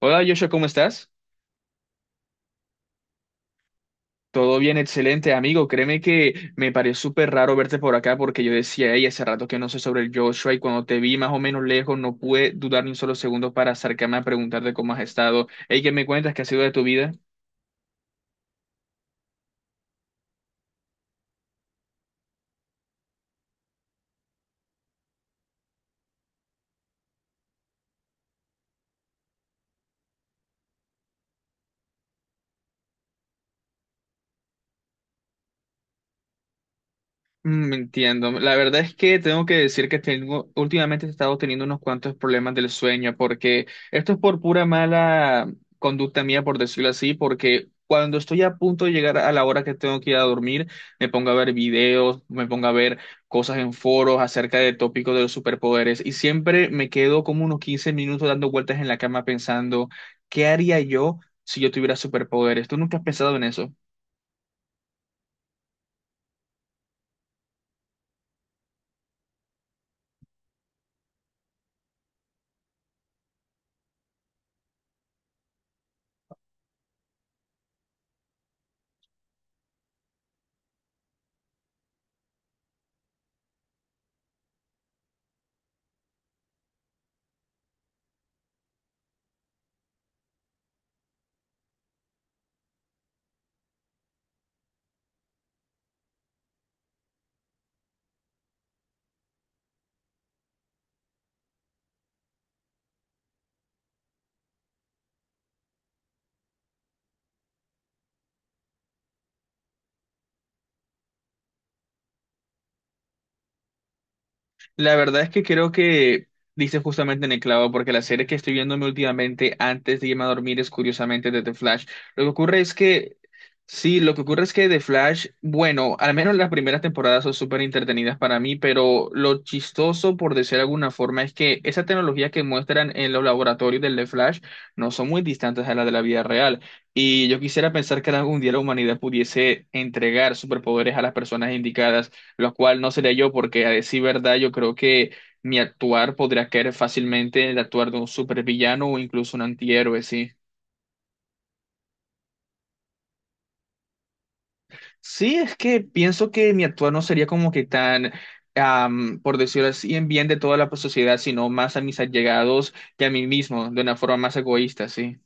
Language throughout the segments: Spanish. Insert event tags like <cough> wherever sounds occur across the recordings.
Hola Joshua, ¿cómo estás? Todo bien, excelente amigo. Créeme que me pareció súper raro verte por acá porque yo decía, hey, hace rato que no sé sobre el Joshua y cuando te vi más o menos lejos no pude dudar ni un solo segundo para acercarme a preguntarte cómo has estado. Hey, ¿qué me cuentas? ¿Qué ha sido de tu vida? Entiendo. La verdad es que tengo que decir que últimamente he estado teniendo unos cuantos problemas del sueño, porque esto es por pura mala conducta mía, por decirlo así, porque cuando estoy a punto de llegar a la hora que tengo que ir a dormir, me pongo a ver videos, me pongo a ver cosas en foros acerca de tópicos de los superpoderes, y siempre me quedo como unos 15 minutos dando vueltas en la cama pensando, ¿qué haría yo si yo tuviera superpoderes? ¿Tú nunca has pensado en eso? La verdad es que creo que dices justamente en el clavo, porque la serie que estoy viéndome últimamente antes de irme a dormir es curiosamente de The Flash. Lo que ocurre es que, sí, lo que ocurre es que The Flash, bueno, al menos las primeras temporadas son súper entretenidas para mí, pero lo chistoso, por decir de alguna forma, es que esa tecnología que muestran en los laboratorios del The Flash no son muy distantes a la de la vida real. Y yo quisiera pensar que algún día la humanidad pudiese entregar superpoderes a las personas indicadas, lo cual no sería yo porque a decir verdad yo creo que mi actuar podría caer fácilmente en el actuar de un supervillano o incluso un antihéroe, sí. Sí, es que pienso que mi actuar no sería como que tan, por decirlo así, en bien de toda la sociedad, sino más a mis allegados y a mí mismo, de una forma más egoísta, sí.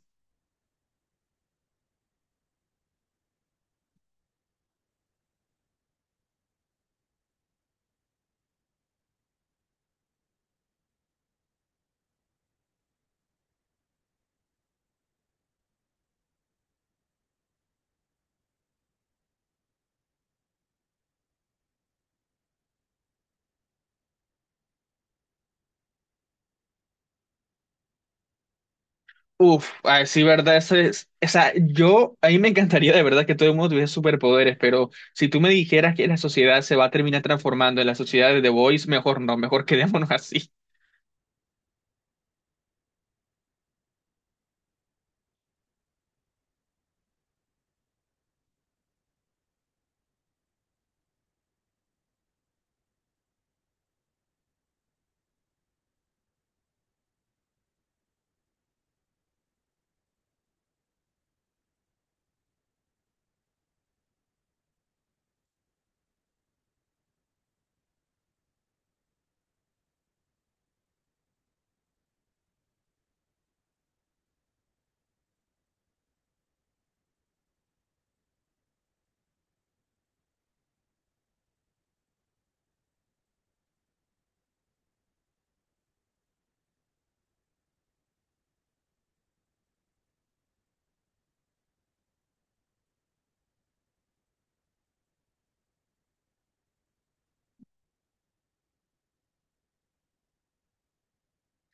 Uf, a decir verdad, eso es, o sea, yo, a mí me encantaría de verdad que todo el mundo tuviese superpoderes, pero si tú me dijeras que la sociedad se va a terminar transformando en la sociedad de The Voice, mejor no, mejor quedémonos <laughs> así.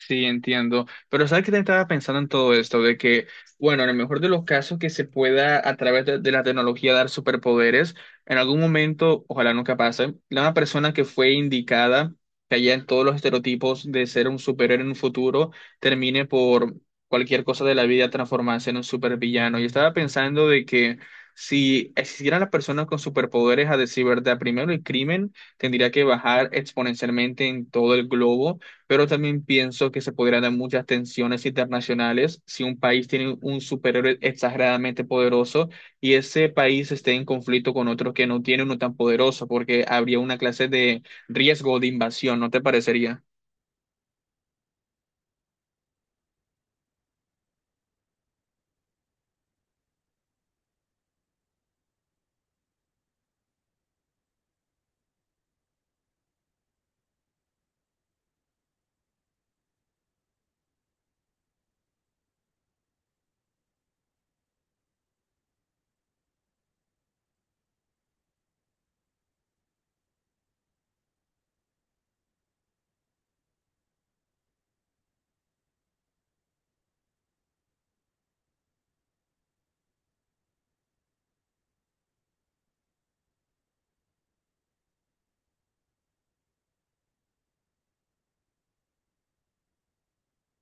Sí, entiendo. Pero ¿sabes qué te estaba pensando en todo esto? De que, bueno, en el mejor de los casos que se pueda a través de la tecnología dar superpoderes, en algún momento, ojalá nunca pase, la una persona que fue indicada, que haya en todos los estereotipos de ser un superhéroe en un futuro, termine por cualquier cosa de la vida transformarse en un supervillano. Y estaba pensando de que si existieran las personas con superpoderes, a decir verdad, primero el crimen tendría que bajar exponencialmente en todo el globo, pero también pienso que se podrían dar muchas tensiones internacionales si un país tiene un superhéroe exageradamente poderoso y ese país esté en conflicto con otro que no tiene uno tan poderoso, porque habría una clase de riesgo de invasión, ¿no te parecería?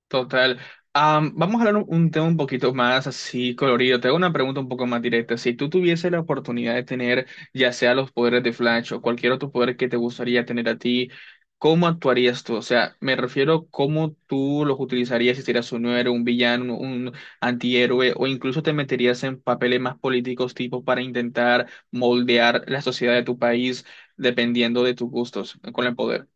Total. Vamos a hablar un tema un poquito más así colorido. Te hago una pregunta un poco más directa. Si tú tuvieses la oportunidad de tener ya sea los poderes de Flash o cualquier otro poder que te gustaría tener a ti, ¿cómo actuarías tú? O sea, me refiero cómo tú los utilizarías si serías un héroe, un villano, un antihéroe, o incluso te meterías en papeles más políticos tipo para intentar moldear la sociedad de tu país dependiendo de tus gustos con el poder.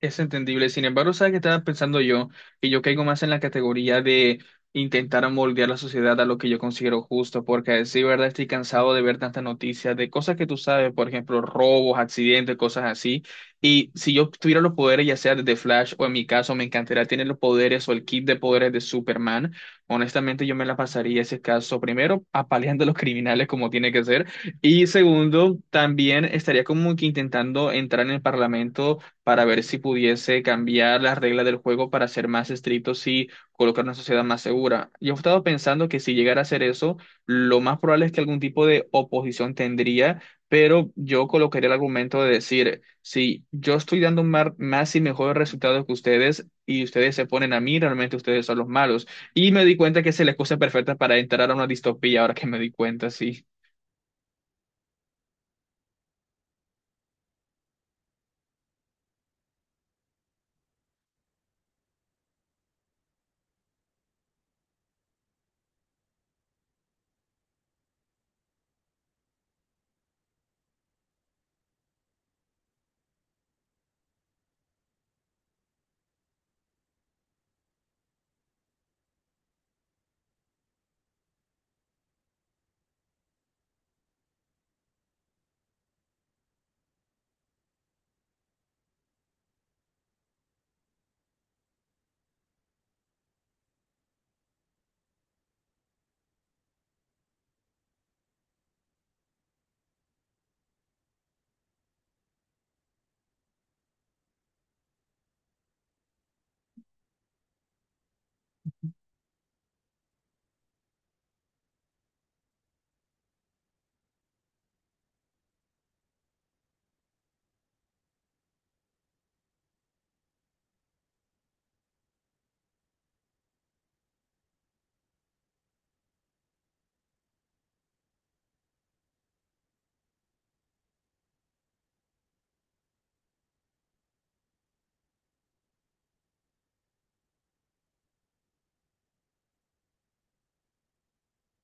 Es entendible. Sin embargo, ¿sabes qué estaba pensando yo? Que yo caigo más en la categoría de intentar moldear la sociedad a lo que yo considero justo, porque a decir verdad estoy cansado de ver tantas noticias de cosas que tú sabes, por ejemplo, robos, accidentes, cosas así. Y si yo tuviera los poderes, ya sea de The Flash o en mi caso, me encantaría tener los poderes o el kit de poderes de Superman. Honestamente, yo me la pasaría ese caso primero apaleando a los criminales como tiene que ser. Y segundo, también estaría como que intentando entrar en el parlamento para ver si pudiese cambiar las reglas del juego para ser más estrictos y colocar una sociedad más segura. Yo he estado pensando que si llegara a hacer eso, lo más probable es que algún tipo de oposición tendría, pero yo colocaría el argumento de decir, si yo estoy dando más y mejores resultados que ustedes y ustedes se ponen a mí, realmente ustedes son los malos. Y me di cuenta que es la excusa perfecta para entrar a una distopía, ahora que me di cuenta, sí.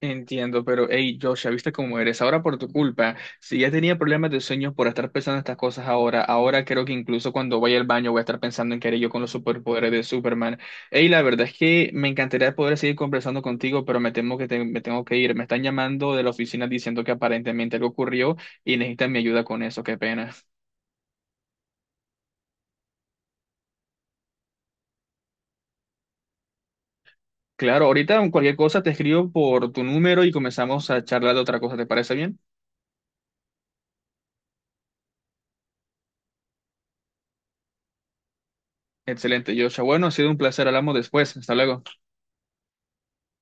Entiendo, pero hey, Joshua, ¿viste cómo eres? Ahora por tu culpa, si ya tenía problemas de sueño por estar pensando estas cosas ahora, ahora creo que incluso cuando vaya al baño voy a estar pensando en que haré yo con los superpoderes de Superman. Hey, la verdad es que me encantaría poder seguir conversando contigo, pero me temo que me tengo que ir. Me están llamando de la oficina diciendo que aparentemente algo ocurrió y necesitan mi ayuda con eso, qué pena. Claro, ahorita cualquier cosa te escribo por tu número y comenzamos a charlar de otra cosa, ¿te parece bien? Excelente, Joshua. Bueno, ha sido un placer, hablamos después. Hasta luego.